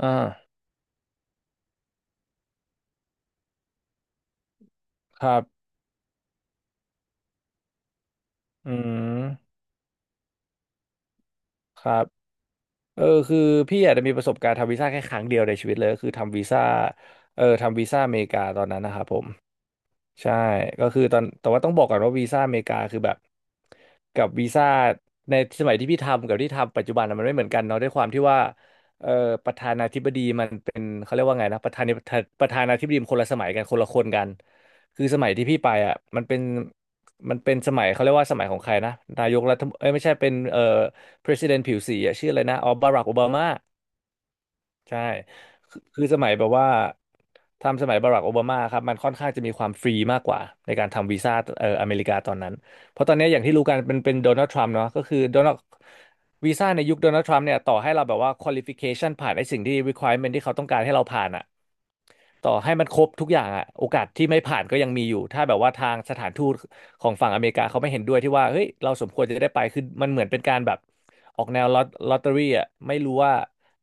อ่า ครับ อืม ครับ เออ คือพี่อาจจะมีประสบการณ์ทำวีซ่าแค่ครั้งเดียวในชีวิตเลยก็คือทำวีซ่า ทำวีซ่าอเมริกาตอนนั้นนะครับผม ใช่ก็คือตอนแต่ว่าต้องบอกก่อนว่าวีซ่าอเมริกาคือแบบกับวีซ่าในสมัยที่พี่ทำกับที่ทำปัจจุบันน่ะมันไม่เหมือนกันเนาะด้วยความที่ว่าเอ่อประธานาธิบดีมันเป็นเขาเรียกว่าไงนะประธานาธิบดีมันคนละสมัยกันคนละคนกัน คือสมัยที่พี่ไปอ่ะมันเป็นสมัยเขาเรียกว่าสมัยของใครนะนายกรัฐมเอ้ยไม่ใช่เป็นpresident ผิวสีอ่ะชื่ออะไรนะออบารักโอบามา ใช่คือสมัยแบบว่าทำสมัยบารักโอบามาครับมันค่อนข้างจะมีความฟรีมากกว่าในการทำวีซ่าอเมริกาตอนนั้น เพราะตอนนี้อย่างที่รู้กันเป็นโดนัลด์ทรัมป์เนาะก็คือโดนัลด์วีซ่าในยุคโดนัลด์ทรัมป์เนี่ยต่อให้เราแบบว่าควอลิฟิเคชันผ่านไอ้สิ่งที่ requirement ที่เขาต้องการให้เราผ่านอะต่อให้มันครบทุกอย่างอะโอกาสที่ไม่ผ่านก็ยังมีอยู่ถ้าแบบว่าทางสถานทูตของฝั่งอเมริกาเขาไม่เห็นด้วยที่ว่าเฮ้ยเราสมควรจะได้ไปคือมันเหมือนเป็นการแบบออกแนวลอตเตอรี่อะไม่รู้ว่า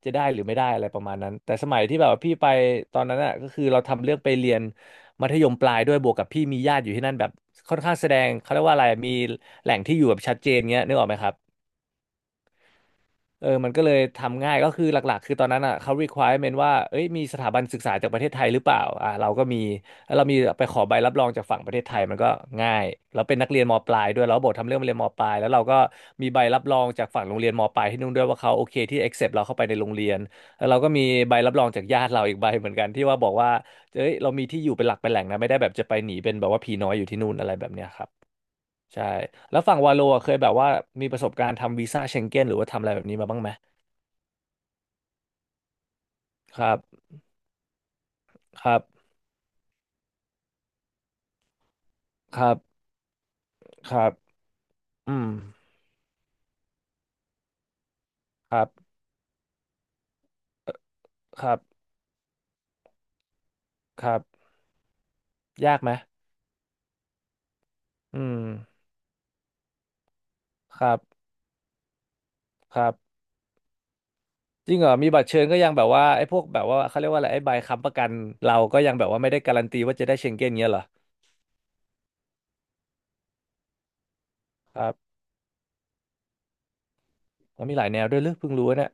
จะได้หรือไม่ได้อะไรประมาณนั้นแต่สมัยที่แบบว่าพี่ไปตอนนั้นอ่ะก็คือเราทำเรื่องไปเรียนมัธยมปลายด้วยบวกกับพี่มีญาติอยู่ที่นั่นแบบค่อนข้างแสดงเขาเรียกว่าอะไรมีแหล่งที่อยู่แบบชัดเจนเงี้ยนึกออกไหมครับ เออมันก็เลยทำง่ายก็คือหลักๆคือตอนนั้นอ่ะเขา requirement ว่าเอ้ยมีสถาบันศึกษาจากประเทศไทยหรือเปล่าอ่าเราก็มีแล้วเรามีไปขอใบรับรองจากฝั่งประเทศไทยมันก็ง่ายแล้วเป็นนักเรียนมปลายด้วยแล้บอกทำเรื่องเรียนมปลายแล้วเราก็มีใบรับรองจากฝั่งโรงเรียนมปลายที่นู่นด้วยว่าเขาโอเคที่ accept เราเข้าไปในโรงเรียนแล้วเราก็มีใบรับรองจากญาติเราอีกใบเหมือนกันที่ว่าบอกว่าเอ้ยเรามีที่อยู่เป็นหลักเป็นแหล่งนะไม่ได้แบบจะไปหนีเป็นแบบว่าผีน้อยอยู่ที่นู่นอะไรแบบเนี้ยครับใช่แล้วฝั่งวาโลอะเคยแบบว่ามีประสบการณ์ทำวีซ่าเชงเก้นหรือว่าทำอะไรแบบนี้มาบ้างไหม ครับ ครับ ครับ ครับอืมครับ ครับ ครับยากไหมอืมครับครับ จริงเหรอมีบัตรเชิญก็ยังแบบว่าไอ้พวกแบบว่าเขาเรียกว่าอะไรไอ้ใบค้ำประกันเราก็ยังแบบว่าไม่ได้การันตีว่าจะได้เชงเก้นเงี้ยเหรอครับแล้วมีหลายแนวด้วยหรือเพิ่งรู้เนี่ย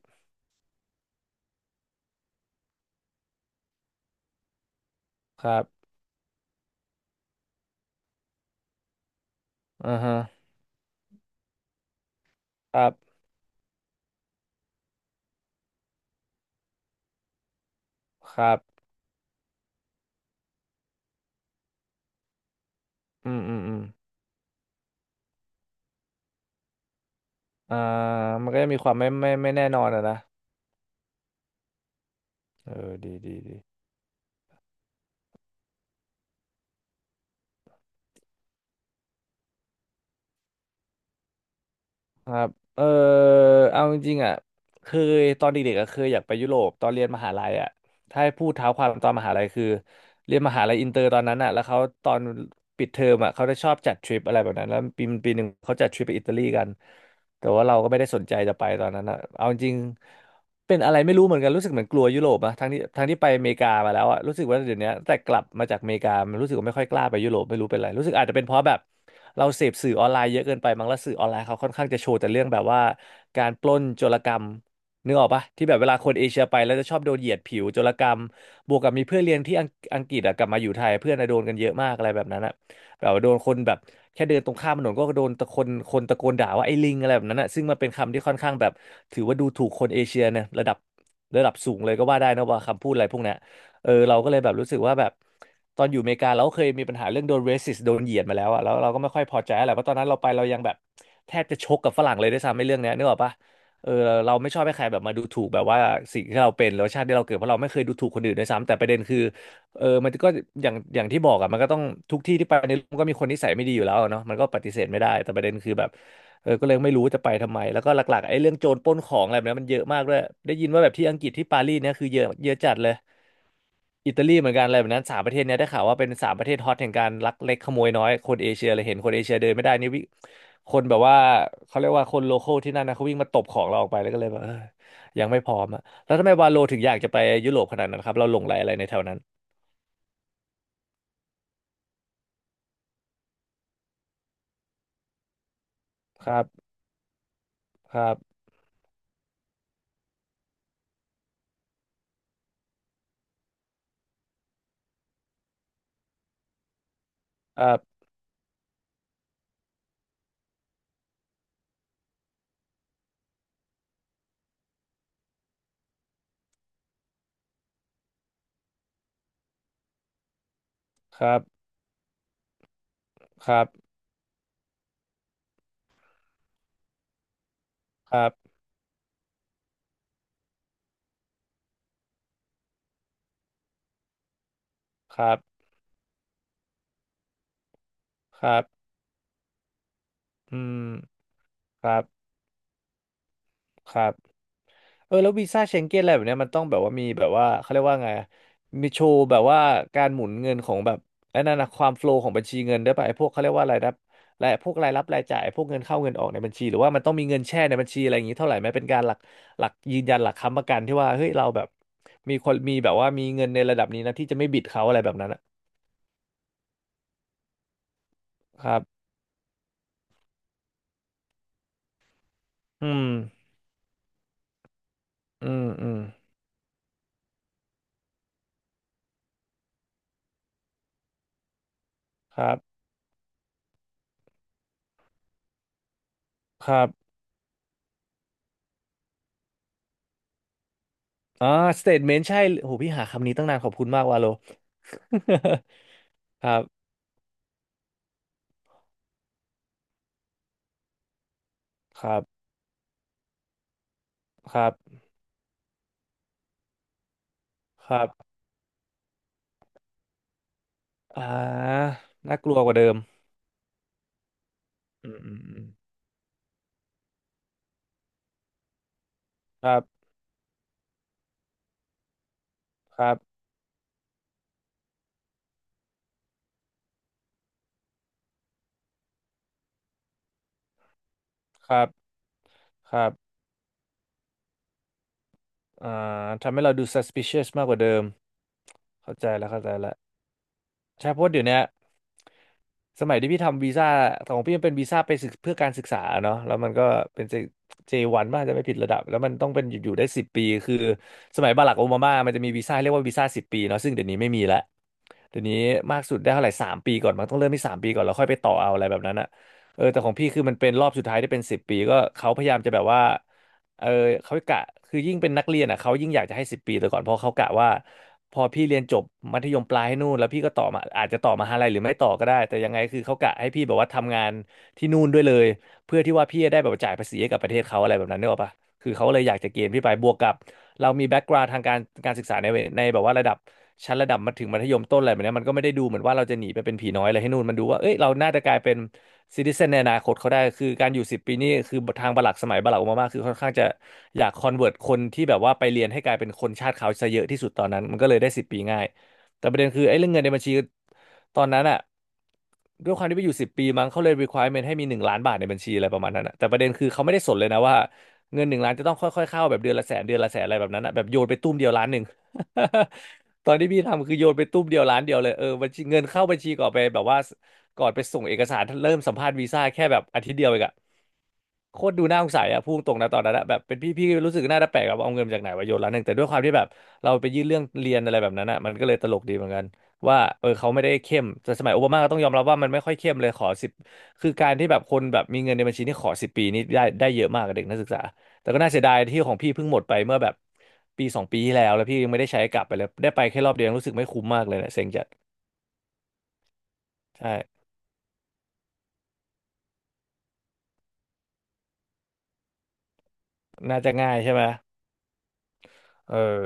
ครับอือฮะครับครับอืมอืมอืมอ่ามันก็จะมีความไม่แน่นอนอะนะเออดีดีดี ครับเออเอาจริงๆอ่ะเคยตอนเด็กๆอ่ะเคยอยากไปยุโรปตอนเรียนมหาลัยอ่ะถ้าให้พูดเท้าความตอนมหาลัยคือเรียนมหาลัยอินเตอร์ตอนนั้นอ่ะแล้วเขาตอนปิดเทอมอ่ะเขาจะชอบจัดทริปอะไรแบบนั้นแล้วปีหนึ่งเขาจัดทริปไปอิตาลีกันแต่ว่าเราก็ไม่ได้สนใจจะไปตอนนั้นอ่ะเอาจริง เป็นอะไรไม่รู้เหมือนกันรู้สึกเหมือนกลัวยุโรปอะทั้งที่ไปอเมริกามาแล้วอะรู้สึกว่าเดี๋ยวนี้แต่กลับมาจากอเมริกามันรู้สึกว่าไม่ค่อยกล้าไปยุโรปไม่รู้เป็นไรรู้สึกอาจจะเป็นเพราะแบบเราเสพสื่อออนไลน์เยอะเกินไปมั้งแล้วสื่อออนไลน์เขาค่อนข้างจะโชว์แต่เรื่องแบบว่าการปล้นโจรกรรมนึกออกปะที่แบบเวลาคนเอเชียไปแล้วจะชอบโดนเหยียดผิวโจรกรรมบวกกับมีเพื่อนเรียนที่อังกฤษอะกลับมาอยู่ไทยเพื่อนอะโดนกันเยอะมากอะไรแบบนั้นอะ แบบว่าโดนคนแบบแค่เดินตรงข้ามถนนก็โดนตะคนตะโกนด่าว่าไอ้ลิงอะไรแบบนั้นอ่ะซึ่งมันเป็นคำที่ค่อนข้างแบบถือว่าดูถูกคนเอเชียนะระดับสูงเลยก็ว่าได้นะว่าคำพูดอะไรพวกเนี้ยเออเราก็เลยแบบรู้สึกว่าแบบตอนอยู่อเมริกาเราก็เคยมีปัญหาเรื่องโดนเรสิสโดนเหยียดมาแล้วอ่ะแล้วเราก็ไม่ค่อยพอใจอะไรเพราะตอนนั้นเราไปเรายังแบบแทบจะชกกับฝรั่งเลยด้วยซ้ำในเรื่องเนี้ยนึกออกปะเออเราไม่ชอบให้ใครแบบมาดูถูกแบบว่าสิ่งที่เราเป็นหรือว่าชาติที่เราเกิดเพราะเราไม่เคยดูถูกคนอื่นด้วยซ้ำแต่ประเด็นคือ เออมันก็อย่างที่บอกอะมันก็ต้องทุกที่ที่ไปในโลกมันก็มีคนนิสัยไม่ดีอยู่แล้วอะเนาะมันก็ปฏิเสธไม่ได้แต่ประเด็นคือแบบเออก็เลยไม่รู้จะไปทำไมแล้วก็หลักๆไอ้เรื่องโจรปล้นของอะไรแบบนั้นมันเยอะมากด้วยได้ยินว่าแบบที่อังกฤษที่ปารีสเนี่ยคือเยอะเยอะจัดเลยอิตาลีเหมือนกันอะไรแบบนั้นสามประเทศเนี่ยได้ข่าวว่าเป็นสามประเทศฮอตแห่งการลักเล็กขโมยน้อยคนเอเชียเลยเห็นคนเอเชียเดินไม่ได้นี่วิคนแบบว่าเขาเรียกว่าคนโลคอลที่นั่นนะเขาวิ่งมาตบของเราออกไปแล้วก็เลยแบบเออยังไม่พร้อมอะแล้วทำไมวาโลถึงอยากจะไปยุโรปขนาดนั้นครับเราหลงใหลอะไรในแถวนั้นครับครับ ครับครับครับครับครับครับอืมครับครับเออแล้ววีซ่าเชงเก้นอะไรแบบเนี้ยมันต้องแบบว่ามีแบบว่าเขาเรียกว่าไงอะมีโชว์แบบว่าการหมุนเงินของแบบไอ้นั่นนะความโฟลว์ของบัญชีเงินได้วยป่ะไอ้พวกเขาเรียกว่าอะไรนะรายพวกรายรับรายจ่ายพวกเงินเข้าเงินออกในบัญชีหรือว่ามันต้องมีเงินแช่ในบัญชีอะไรอย่างนี้เท่าไหร่ไหมเป็นการหลักยืนยันหลักค้ำประกันที่ว่าเฮ้ยเราแบบมีคนมีแบบว่ามีเงินในระดับนี้นะที่จะไม่บิดเขาอะไรแบบนั้นนะครับอืมอืมอืมครับครับ อ่าสเตทเมนต์ใช่โหพี่หาคำนี้ตั้งนานขอบคุณมากวาโล ครับครับครับครับอ่าน่ากลัวกว่าเดิมอืมอืมอืมครับครับครับครับอ่าทำให้เราดู suspicious มากกว่าเดิมเข้าใจแล้วเข้าใจแล้วใช่เพราะเดี๋ยวเนี้ย สมัยที่พี่ทำวีซ่าของพี่มันเป็นวีซ่าไปศึกเพื่อการศึกษาเนาะแล้วมันก็เป็นเจวันมากจะไม่ผิดระดับแล้วมันต้องเป็นอยู่ได้สิบปีคือสมัยบารักโอบามามันจะมีวีซ่าเรียกว่าวีซ่า 10 ปีเนาะซึ่งเดี๋ยวนี้ไม่มีแล้วเดี๋ยวนี้มากสุดได้เท่าไหร่สามปีก่อนมันต้องเริ่มที่สามปีก่อนแล้วค่อยไปต่อเอาอะไรแบบนั้นอะเออแต่ของพี่คือมันเป็นรอบสุดท้ายได้เป็นสิบปีก็เขาพยายามจะแบบว่า เออเขากะคือยิ่งเป็นนักเรียนอ่ะเขายิ่งอยากจะให้สิบปีแต่ก่อนเพราะเขากะว่าพอพี่เรียนจบมัธยมปลายให้นู่นแล้วพี่ก็ต่อมาอาจจะต่อมหาลัยหรือไม่ต่อก็ได้แต่ยังไงคือเขากะให้พี่แบบว่าทำงานที่นู่นด้วยเลยเพื่อที่ว่าพี่จะได้แบบจ่ายภาษีให้กับประเทศเขาอะไรแบบนั้นนึกออกปะคือเขาเลยอยากจะเกณฑ์พี่ไปบวกกับเรามีแบ็กกราวด์ทางการศึกษาในแบบว่าระดับชั้นระดับมาถึงมัธยมต้นอะไรแบบเนี้ยมันก็ไม่ได้ดูเหมือนว่าเราจะหนีไปเป็นผีน้อยอะไรให้นู่นมันดูว่าเอ้ยเราน่าจะกลายเป็น ซิติเซนในอนาคตเขาได้คือการอยู่สิบปีนี่คือทางบรัคสมัยบรัคโอบามาคือค่อนข้างจะอยากคอนเวิร์ตคนที่แบบว่าไปเรียนให้กลายเป็นคนชาติเขาวซะเยอะที่สุดตอนนั้นมันก็เลยได้สิบปีง่ายแต่ประเด็นคือไอ้เรื่องเงินในบัญชีตอนนั้นอะด้วยความที่ไปอยู่สิบปีมั้งเขาเลย requirement ให้มี1,000,000 บาทในบัญชีอะไรประมาณนั้นอะแต่ประเด็นคือเขาไม่ได้สนเลยนะว่าเงิน 1,000,000จะต้องค่อยๆเข้าแบบเดือนละแสนเดือนละแสนอะไรแบบนั้นอะแบบโยนไปตุ้มเดียวล้านหนึ่ง ตอนที่พี่ทำคือโยนไปตุ้มเดียวล้านเดียวเลยเออบัญชีเงินเข้าบัญชีก่อนไปแบบว่า ก่อนไปส่งเอกสาร เริ่มสัมภาษณ์วีซ่าแค่แบบอาทิตย์เดียวเองอะโคตรดูน่าสงสัยอะพูดตรงนะตอนนั้นอะแบบเป็นพี่รู้สึกน่าจะแปลกอะว่าเอาเงินมาจากไหนวะโยนล้านหนึ่งแต่ด้วยความที่แบบเราไปยื่นเรื่องเรียนอะไรแบบนั้นอะมันก็เลยตลกดีเหมือนกันว่าเออเขาไม่ได้เข้มแต่สมัยโอบามาก็ต้องยอมรับว่ามันไม่ค่อยเข้มเลยขอสิบคือการที่แบบคนแบบมีเงินในบัญชีนี่ขอสิบปีนี่ได้เยอะมากกับเด็กนักศึกษาแต่ก็น่าเสียดายที่ของพี่เพิ่งหมดไปเมื่อแบบปีสองปีที่แล้วแล้วพี่ยังไม่ได้ใช้กลับไปเลยได้ไปแค่รอบเดียวยังรู้สึกไม่คุ้มมากเลยเนะเซ็งจัดใช่น่าจะง่ายใช่ไหมเออ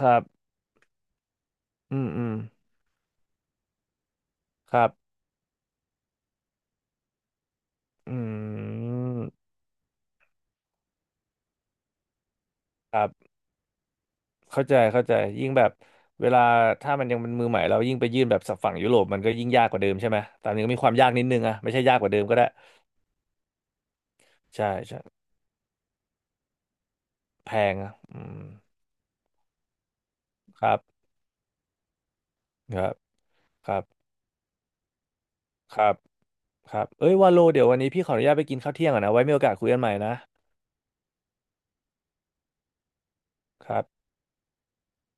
ครับอืมอืมครับอืมครับเข้าใจเข้าใจยิ่งแบบเวลาถ้ามันยังเป็นมือใหม่เรายิ่งไปยื่นแบบฝั่งยุโรปมันก็ยิ่งยากกว่าเดิมใช่ไหมตามนี้ก็มีความยากนิดนึงอะไม่ใช่ยากกว่าเดิมก็ได้ ใช่ใช่แพงอะอืมครับครับครับครับครับเอ้ยวาโลเดี๋ยววันนี้พี่ขออนุญาตไปกินข้าวเที่ยงก่อนนะไว้มีโอกาสคุยกันใหม่นะครับ